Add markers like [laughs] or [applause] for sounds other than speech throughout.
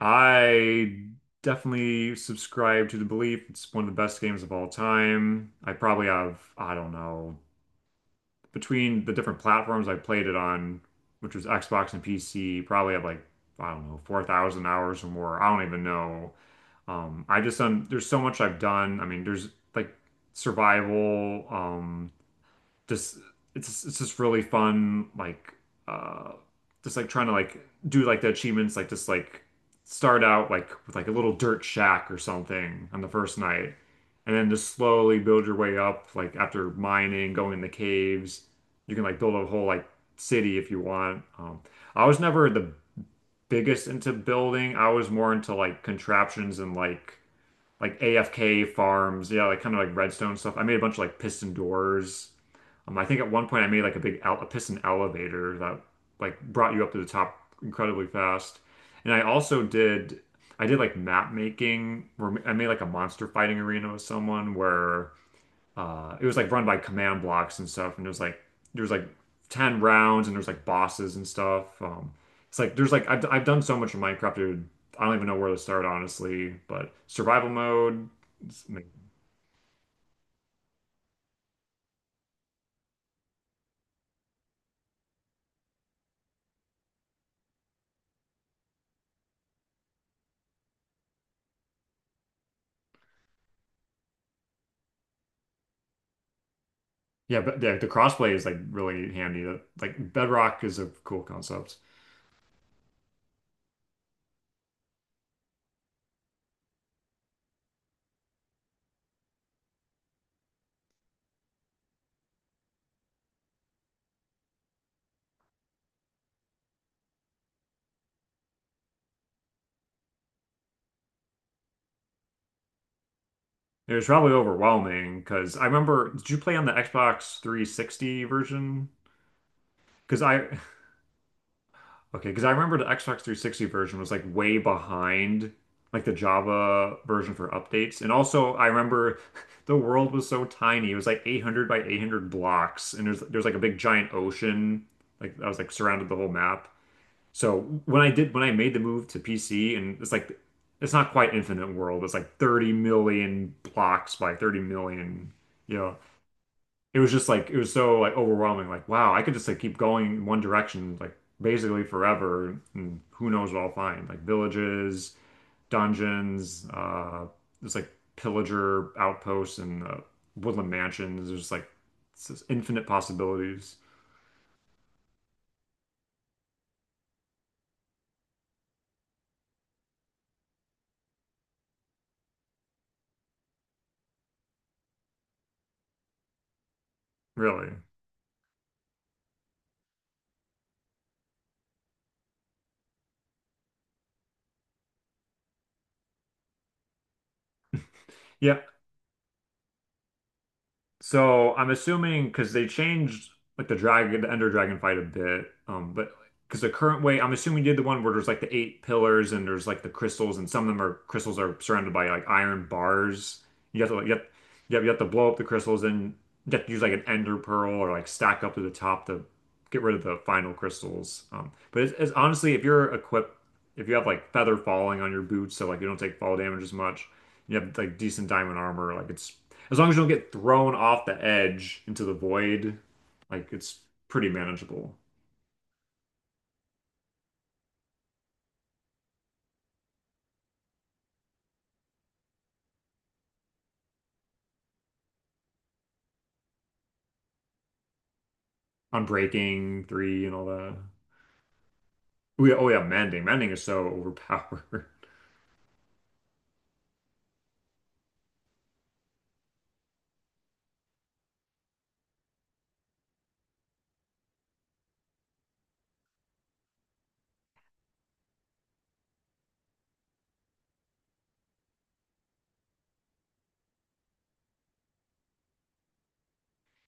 I definitely subscribe to the belief it's one of the best games of all time. I probably have, I don't know, between the different platforms I played it on, which was Xbox and PC, probably have like, I don't know, 4,000 hours or more. I don't even know. I just done, there's so much I've done. I mean, there's like survival, just it's just really fun like uh just like trying to like do like the achievements like just like start out like with like a little dirt shack or something on the first night, and then just slowly build your way up like after mining going in the caves you can like build a whole like city if you want. I was never the biggest into building. I was more into like contraptions and like AFK farms, yeah, like kind of like redstone stuff. I made a bunch of like piston doors. I think at one point I made like a big el a piston elevator that like brought you up to the top incredibly fast. And I also did I did like map making where I made like a monster fighting arena with someone where it was like run by command blocks and stuff, and it was like there was like 10 rounds and there's like bosses and stuff. It's like there's like I've done so much in Minecraft, dude. I don't even know where to start, honestly, but survival mode it's amazing. Yeah, but the crossplay is like really handy. The- Like Bedrock is a cool concept. It was probably overwhelming because I remember, did you play on the Xbox 360 version? Because I, [laughs] okay, because I remember the Xbox 360 version was like way behind like the Java version for updates. And also, I remember [laughs] the world was so tiny. It was like 800 by 800 blocks, and there's like a big giant ocean. Like I was like surrounded the whole map. So when I did when I made the move to PC and it's like it's not quite infinite world. It's like 30 million blocks by 30 million, you know. It was just like it was so like overwhelming like wow, I could just like keep going in one direction like basically forever and who knows what I'll find. Like villages, dungeons, there's like pillager outposts and woodland mansions. There's like it's just infinite possibilities, really. Yeah, so I'm assuming because they changed like the dragon, the Ender Dragon fight a bit, but because the current way, I'm assuming you did the one where there's like the eight pillars and there's like the crystals, and some of them are crystals are surrounded by like iron bars. You have to like you have to blow up the crystals, and you have to use like an Ender Pearl or like stack up to the top to get rid of the final crystals. But it's honestly, if you're equipped, if you have like feather falling on your boots, so like you don't take fall damage as much, you have like decent diamond armor, like it's as long as you don't get thrown off the edge into the void, like it's pretty manageable. On breaking three and all that. Oh yeah, oh yeah, mending. Mending is so overpowered. [laughs]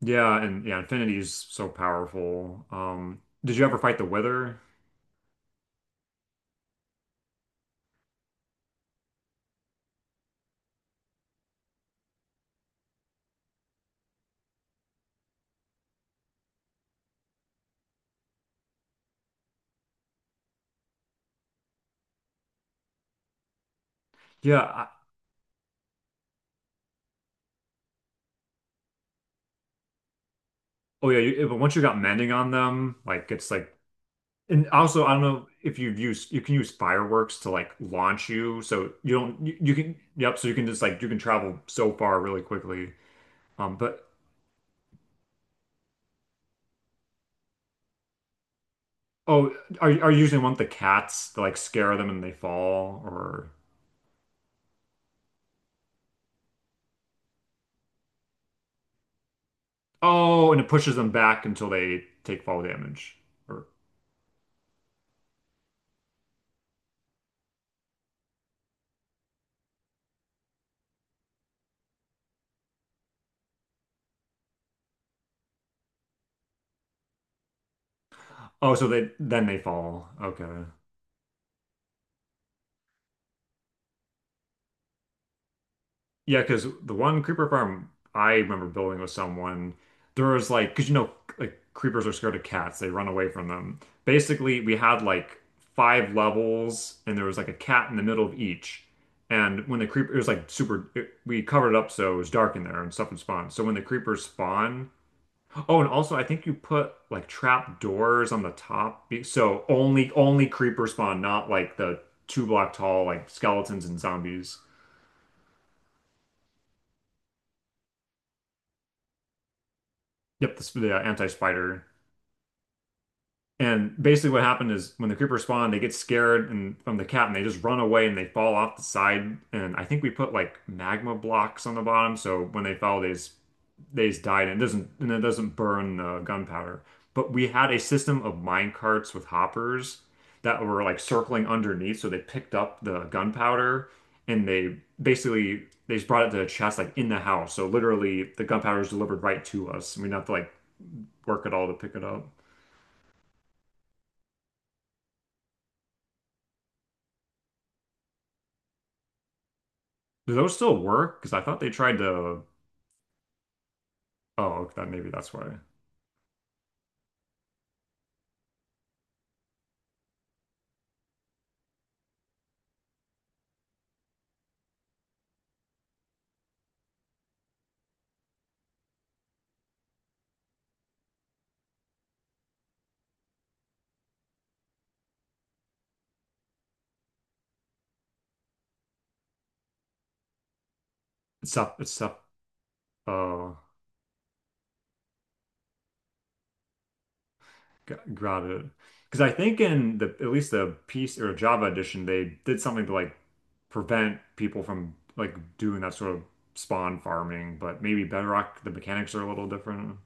Yeah, and yeah, infinity is so powerful. Did you ever fight the Wither? Yeah. Oh yeah, you, but once you got mending on them, like it's like and also I don't know if you've used you can use fireworks to like launch you so you don't you can yep, so you can just like you can travel so far really quickly. But Oh, are you usually want the cats to like scare them and they fall? Or oh, and it pushes them back until they take fall damage? Or oh, so they then they fall. Okay. Yeah, because the one creeper farm I remember building with someone, there was like because you know like creepers are scared of cats, they run away from them. Basically, we had like 5 levels and there was like a cat in the middle of each. And when the creeper, it was like super, it, we covered it up so it was dark in there and stuff would spawn. So when the creepers spawn, oh, and also I think you put like trap doors on the top, be- so only creeper spawn, not like the two block tall like skeletons and zombies. Yep, the, sp- the anti-spider. And basically, what happened is when the creepers spawn, they get scared and from the cat, and they just run away and they fall off the side. And I think we put like magma blocks on the bottom, so when they fell, they just died, and it doesn't burn the gunpowder. But we had a system of mine carts with hoppers that were like circling underneath, so they picked up the gunpowder and they basically they just brought it to a chest like in the house. So literally, the gunpowder is delivered right to us, and we didn't have to like work at all to pick it up. Do those still work? Because I thought they tried to. Oh, okay, that maybe that's why. It's up. Oh, got it. Because I think in the at least the piece or Java edition, they did something to like prevent people from like doing that sort of spawn farming. But maybe Bedrock, the mechanics are a little different.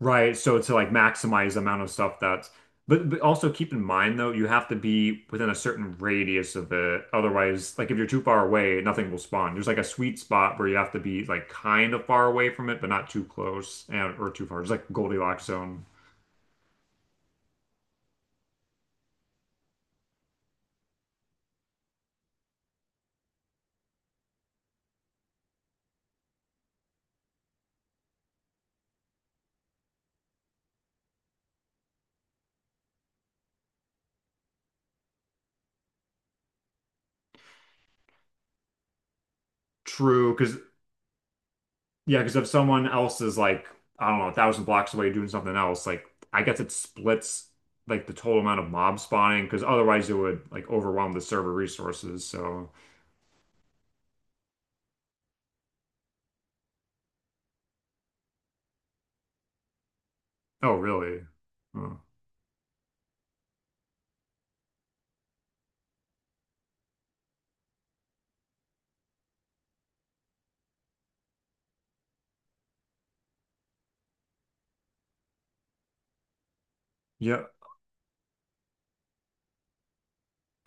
Right. So to like maximize the amount of stuff that's, but also keep in mind though, you have to be within a certain radius of it. Otherwise, like if you're too far away, nothing will spawn. There's like a sweet spot where you have to be like kind of far away from it, but not too close and or too far. It's like Goldilocks zone. True, because yeah, because if someone else is like, I don't know, 1,000 blocks away doing something else, like I guess it splits like the total amount of mob spawning, because otherwise it would like overwhelm the server resources. So, oh really? Huh. Yeah.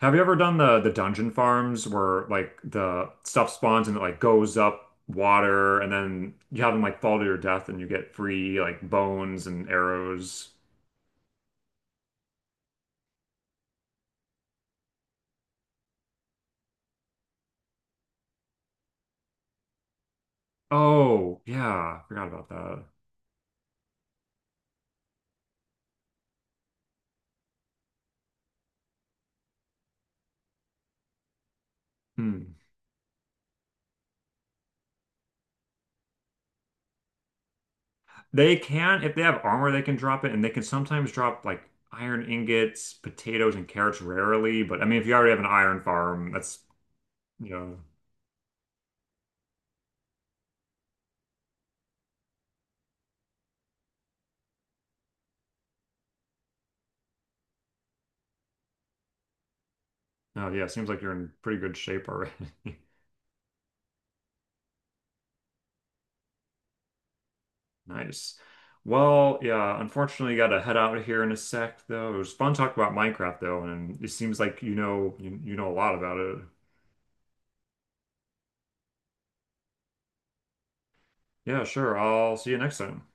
Have you ever done the dungeon farms where like the stuff spawns and it like goes up water and then you have them like fall to your death and you get free like bones and arrows? Oh, yeah. Forgot about that. Hmm. They can, if they have armor, they can drop it and they can sometimes drop like iron ingots, potatoes, and carrots rarely. But I mean, if you already have an iron farm, that's, you know, oh yeah, seems like you're in pretty good shape already. [laughs] Nice. Well, yeah, unfortunately, gotta head out of here in a sec, though. It was fun talking about Minecraft, though, and it seems like you know a lot about it. Yeah, sure. I'll see you next time.